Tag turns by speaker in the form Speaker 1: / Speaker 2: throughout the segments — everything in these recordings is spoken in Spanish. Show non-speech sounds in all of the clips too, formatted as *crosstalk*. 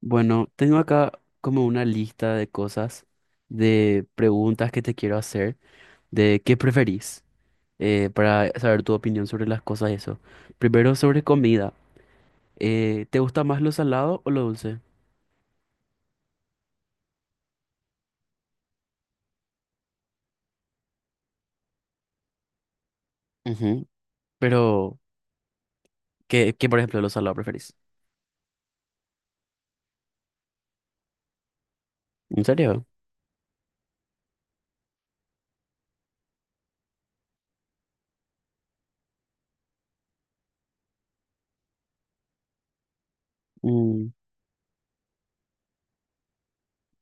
Speaker 1: Bueno, tengo acá como una lista de cosas, de preguntas que te quiero hacer, de qué preferís, para saber tu opinión sobre las cosas y eso. Primero sobre comida. ¿Te gusta más lo salado o lo dulce? Ujú. Pero, ¿qué, por ejemplo, lo salado preferís? ¿En serio? Mm,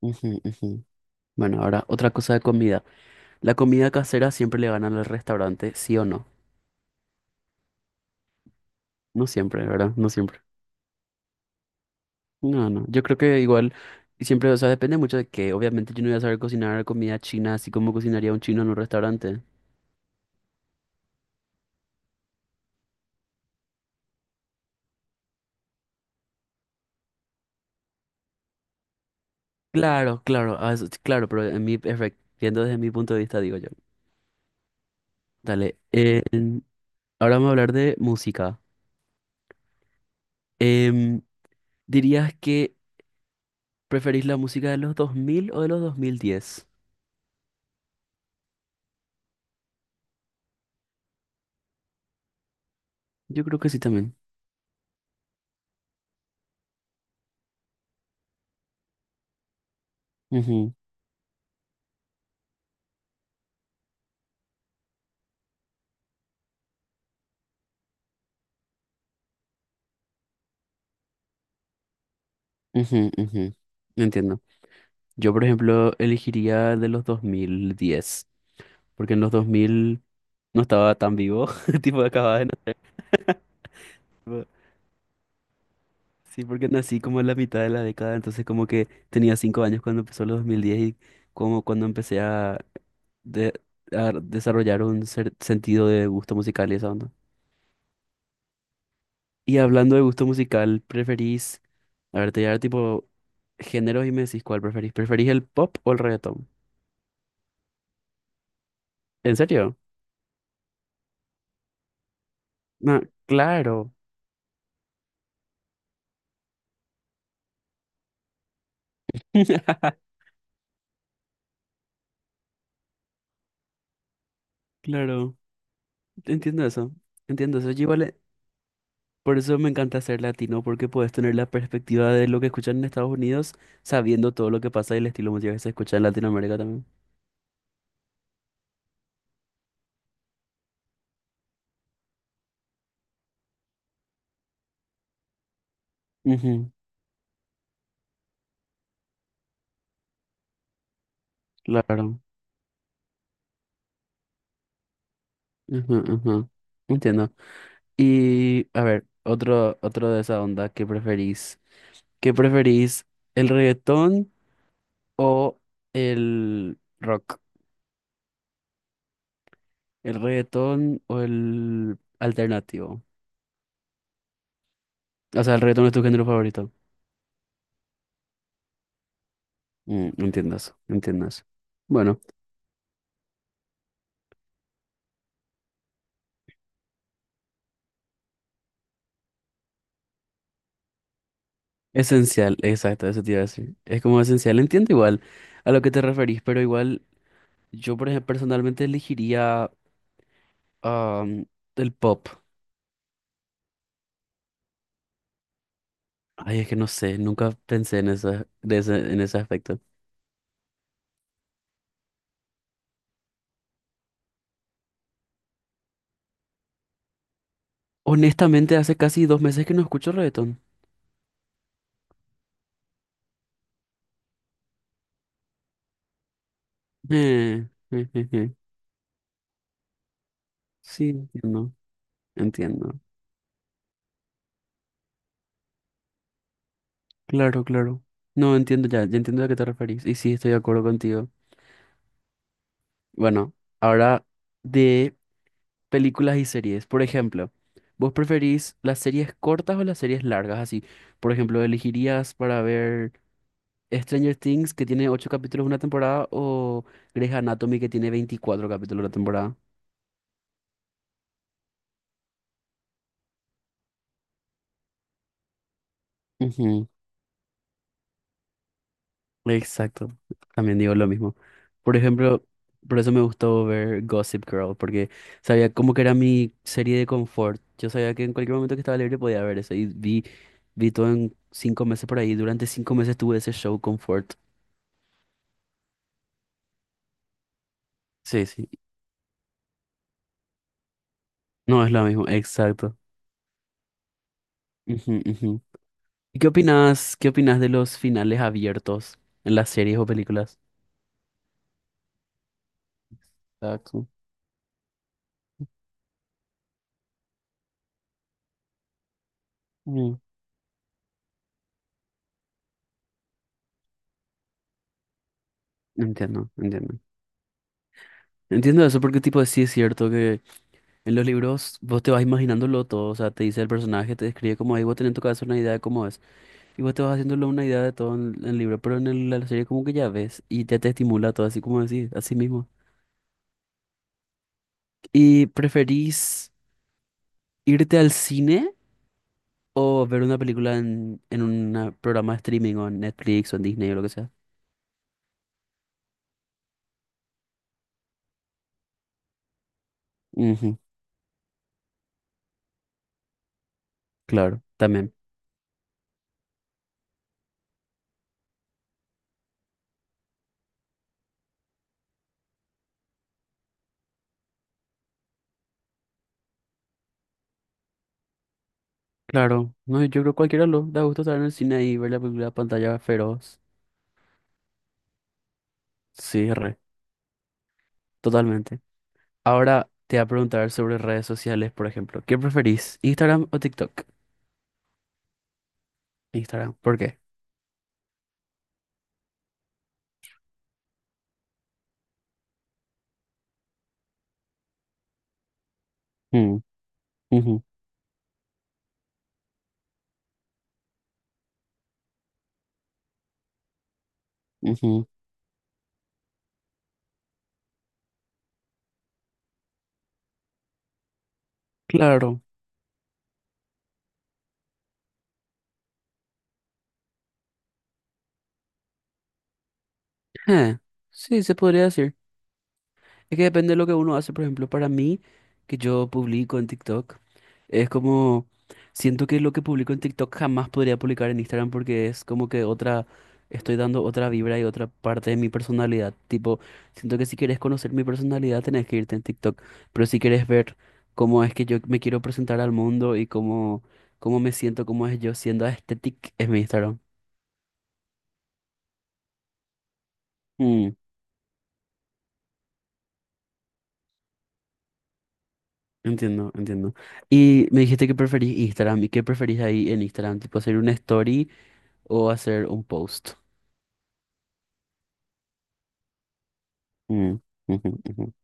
Speaker 1: ujú, ujú. Bueno, ahora otra cosa de comida. ¿La comida casera siempre le gana al restaurante, sí o no? No siempre, ¿verdad? No siempre. No, no, yo creo que igual siempre, o sea, depende mucho de que obviamente yo no voy a saber cocinar comida china así como cocinaría un chino en un restaurante. Claro, claro, ah, claro, pero viendo desde mi punto de vista, digo yo. Dale, ahora vamos a hablar de música. Em, ¿Dirías que preferís la música de los 2000 o de los 2010? Yo creo que sí también. Ujú, ujú, ujú. Entiendo. Yo, por ejemplo, elegiría de los 2010, porque en los 2000 no estaba tan vivo, *laughs* tipo acababa de nacer. Sí, porque nací como en la mitad de la década, entonces como que tenía 5 años cuando empezó los 2010 y como cuando empecé a, de- a desarrollar un sentido de gusto musical y esa onda. Y hablando de gusto musical, ¿preferís, a ver, te voy a dar tipo géneros y me decís cuál preferís? ¿Preferís el pop o el reggaetón? ¿En serio? No, claro. *laughs* Claro, entiendo eso. Entiendo eso. Yo igual. Por eso me encanta ser latino, porque puedes tener la perspectiva de lo que escuchan en Estados Unidos, sabiendo todo lo que pasa y el estilo musical que se escucha en Latinoamérica también. Ujú, claro. Ujú, ujú. Entiendo. Y a ver, otro de esa onda, ¿qué preferís? ¿Qué preferís? ¿El reggaetón o el rock? ¿El reggaetón o el alternativo? O sea, el reggaetón es tu género favorito. Entiendo eso, entiendo eso. Bueno. Esencial, exacto, eso te iba a decir. Es como esencial, entiendo igual a lo que te referís, pero igual yo por ejemplo, personalmente elegiría am, el pop. Ay, es que no sé, nunca pensé en esa en ese aspecto. Honestamente, hace casi dos meses que no escucho reggaetón. Eh, eh, eh, eh. Sí, entiendo, entiendo. Claro, claro. No, entiendo ya, ya entiendo a qué te referís. Y sí, estoy de acuerdo contigo. Bueno, ahora de películas y series. Por ejemplo, ¿vos preferís las series cortas o las series largas? Así, por ejemplo, ¿elegirías para ver Stranger Things, que tiene 8 capítulos una temporada, o Grey's Anatomy, que tiene 24 capítulos una temporada? Ujú. Exacto, también digo lo mismo. Por ejemplo, por eso me gustó ver Gossip Girl, porque sabía como que era mi serie de confort. Yo sabía que en cualquier momento que estaba libre podía ver eso y vi todo en 5 meses por ahí. Durante 5 meses tuve ese show confort. Sí, sí. No es lo mismo, exacto. Ujú, ujú. ¿Y qué opinas de los finales abiertos en las series o películas? Exacto. Mm. Entiendo, entiendo. Entiendo eso porque tipo sí es cierto que en los libros vos te vas imaginándolo todo, o sea, te dice el personaje, te describe como ahí vos tenés en tu cabeza una idea de cómo es, y vos te vas haciéndolo una idea de todo en el libro, pero en la serie como que ya ves y ya te estimula todo así como decís, así mismo. ¿Y preferís irte al cine? O ver una película en un programa de streaming o en Netflix o en Disney o lo que sea. Ujú. Claro, también. Claro. No, yo creo que cualquiera lo da gusto estar en el cine y ver la película a pantalla feroz. Sí, re. Totalmente. Ahora te voy a preguntar sobre redes sociales, por ejemplo. ¿Qué preferís? ¿Instagram o TikTok? Instagram. ¿Por qué? Mm, ujú, ujú. Claro. Eh, sí, se podría decir. Es que depende de lo que uno hace, por ejemplo, para mí, que yo publico en TikTok. Es como, siento que lo que publico en TikTok jamás podría publicar en Instagram porque es como que otra, estoy dando otra vibra y otra parte de mi personalidad. Tipo, siento que si quieres conocer mi personalidad tenés que irte en TikTok, pero si quieres ver cómo es que yo me quiero presentar al mundo y cómo me siento, cómo es yo siendo aesthetic, es mi Instagram. Mm, Entiendo, entiendo. Y me dijiste que preferís Instagram y qué preferís ahí en Instagram, tipo hacer una story o hacer un post. Mm, ujú, ujú.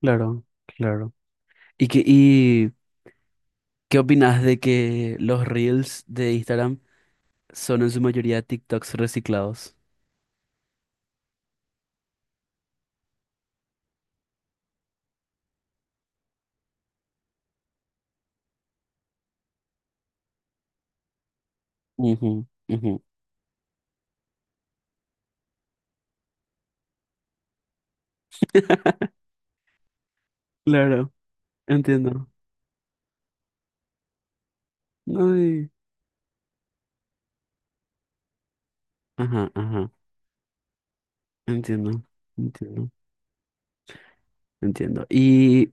Speaker 1: Claro, claro. ¿Y qué opinas de que los reels de Instagram son en su mayoría TikToks reciclados? Ujú, ujú. *laughs* Claro, entiendo. No. Ajá, ajá, entiendo, entiendo, entiendo. Y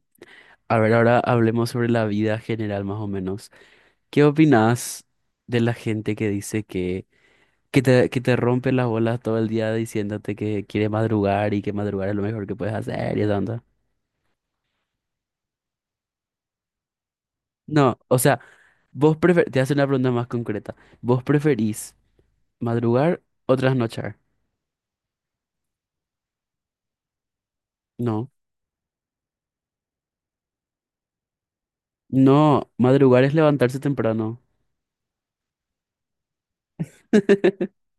Speaker 1: a ver, ahora hablemos sobre la vida general más o menos. ¿Qué opinas de la gente que dice que te rompe las bolas todo el día diciéndote que quiere madrugar y que madrugar es lo mejor que puedes hacer y tanta? No, o sea, Te hace una pregunta más concreta. ¿Vos preferís madrugar o trasnochar? No. No, madrugar es levantarse temprano. *laughs*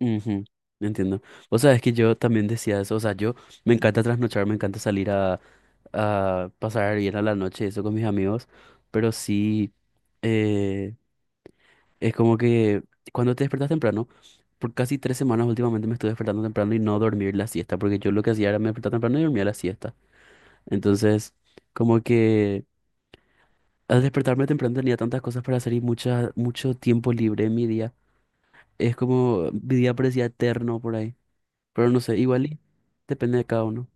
Speaker 1: Ujú. Entiendo. Vos sabés que yo también decía eso. O sea, yo me encanta trasnochar, me encanta salir a pasar bien a la noche, eso con mis amigos. Pero sí, eh, es como que cuando te despertas temprano, por casi 3 semanas últimamente me estoy despertando temprano y no dormir la siesta, porque yo lo que hacía era me despertar temprano y dormía la siesta. Entonces, como que al despertarme temprano tenía tantas cosas para hacer y mucha, mucho tiempo libre en mi día. Es como, mi día parecía eterno por ahí. Pero no sé, igual y depende de cada uno.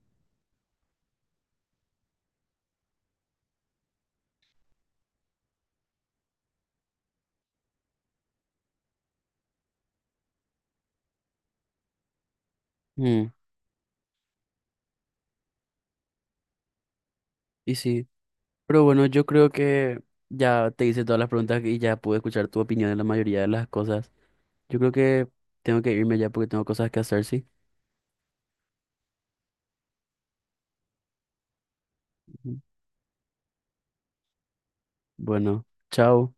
Speaker 1: Mm, y sí. Pero bueno, yo creo que ya te hice todas las preguntas y ya pude escuchar tu opinión en la mayoría de las cosas. Yo creo que tengo que irme ya porque tengo cosas que hacer, sí. Ujú. Bueno, chao.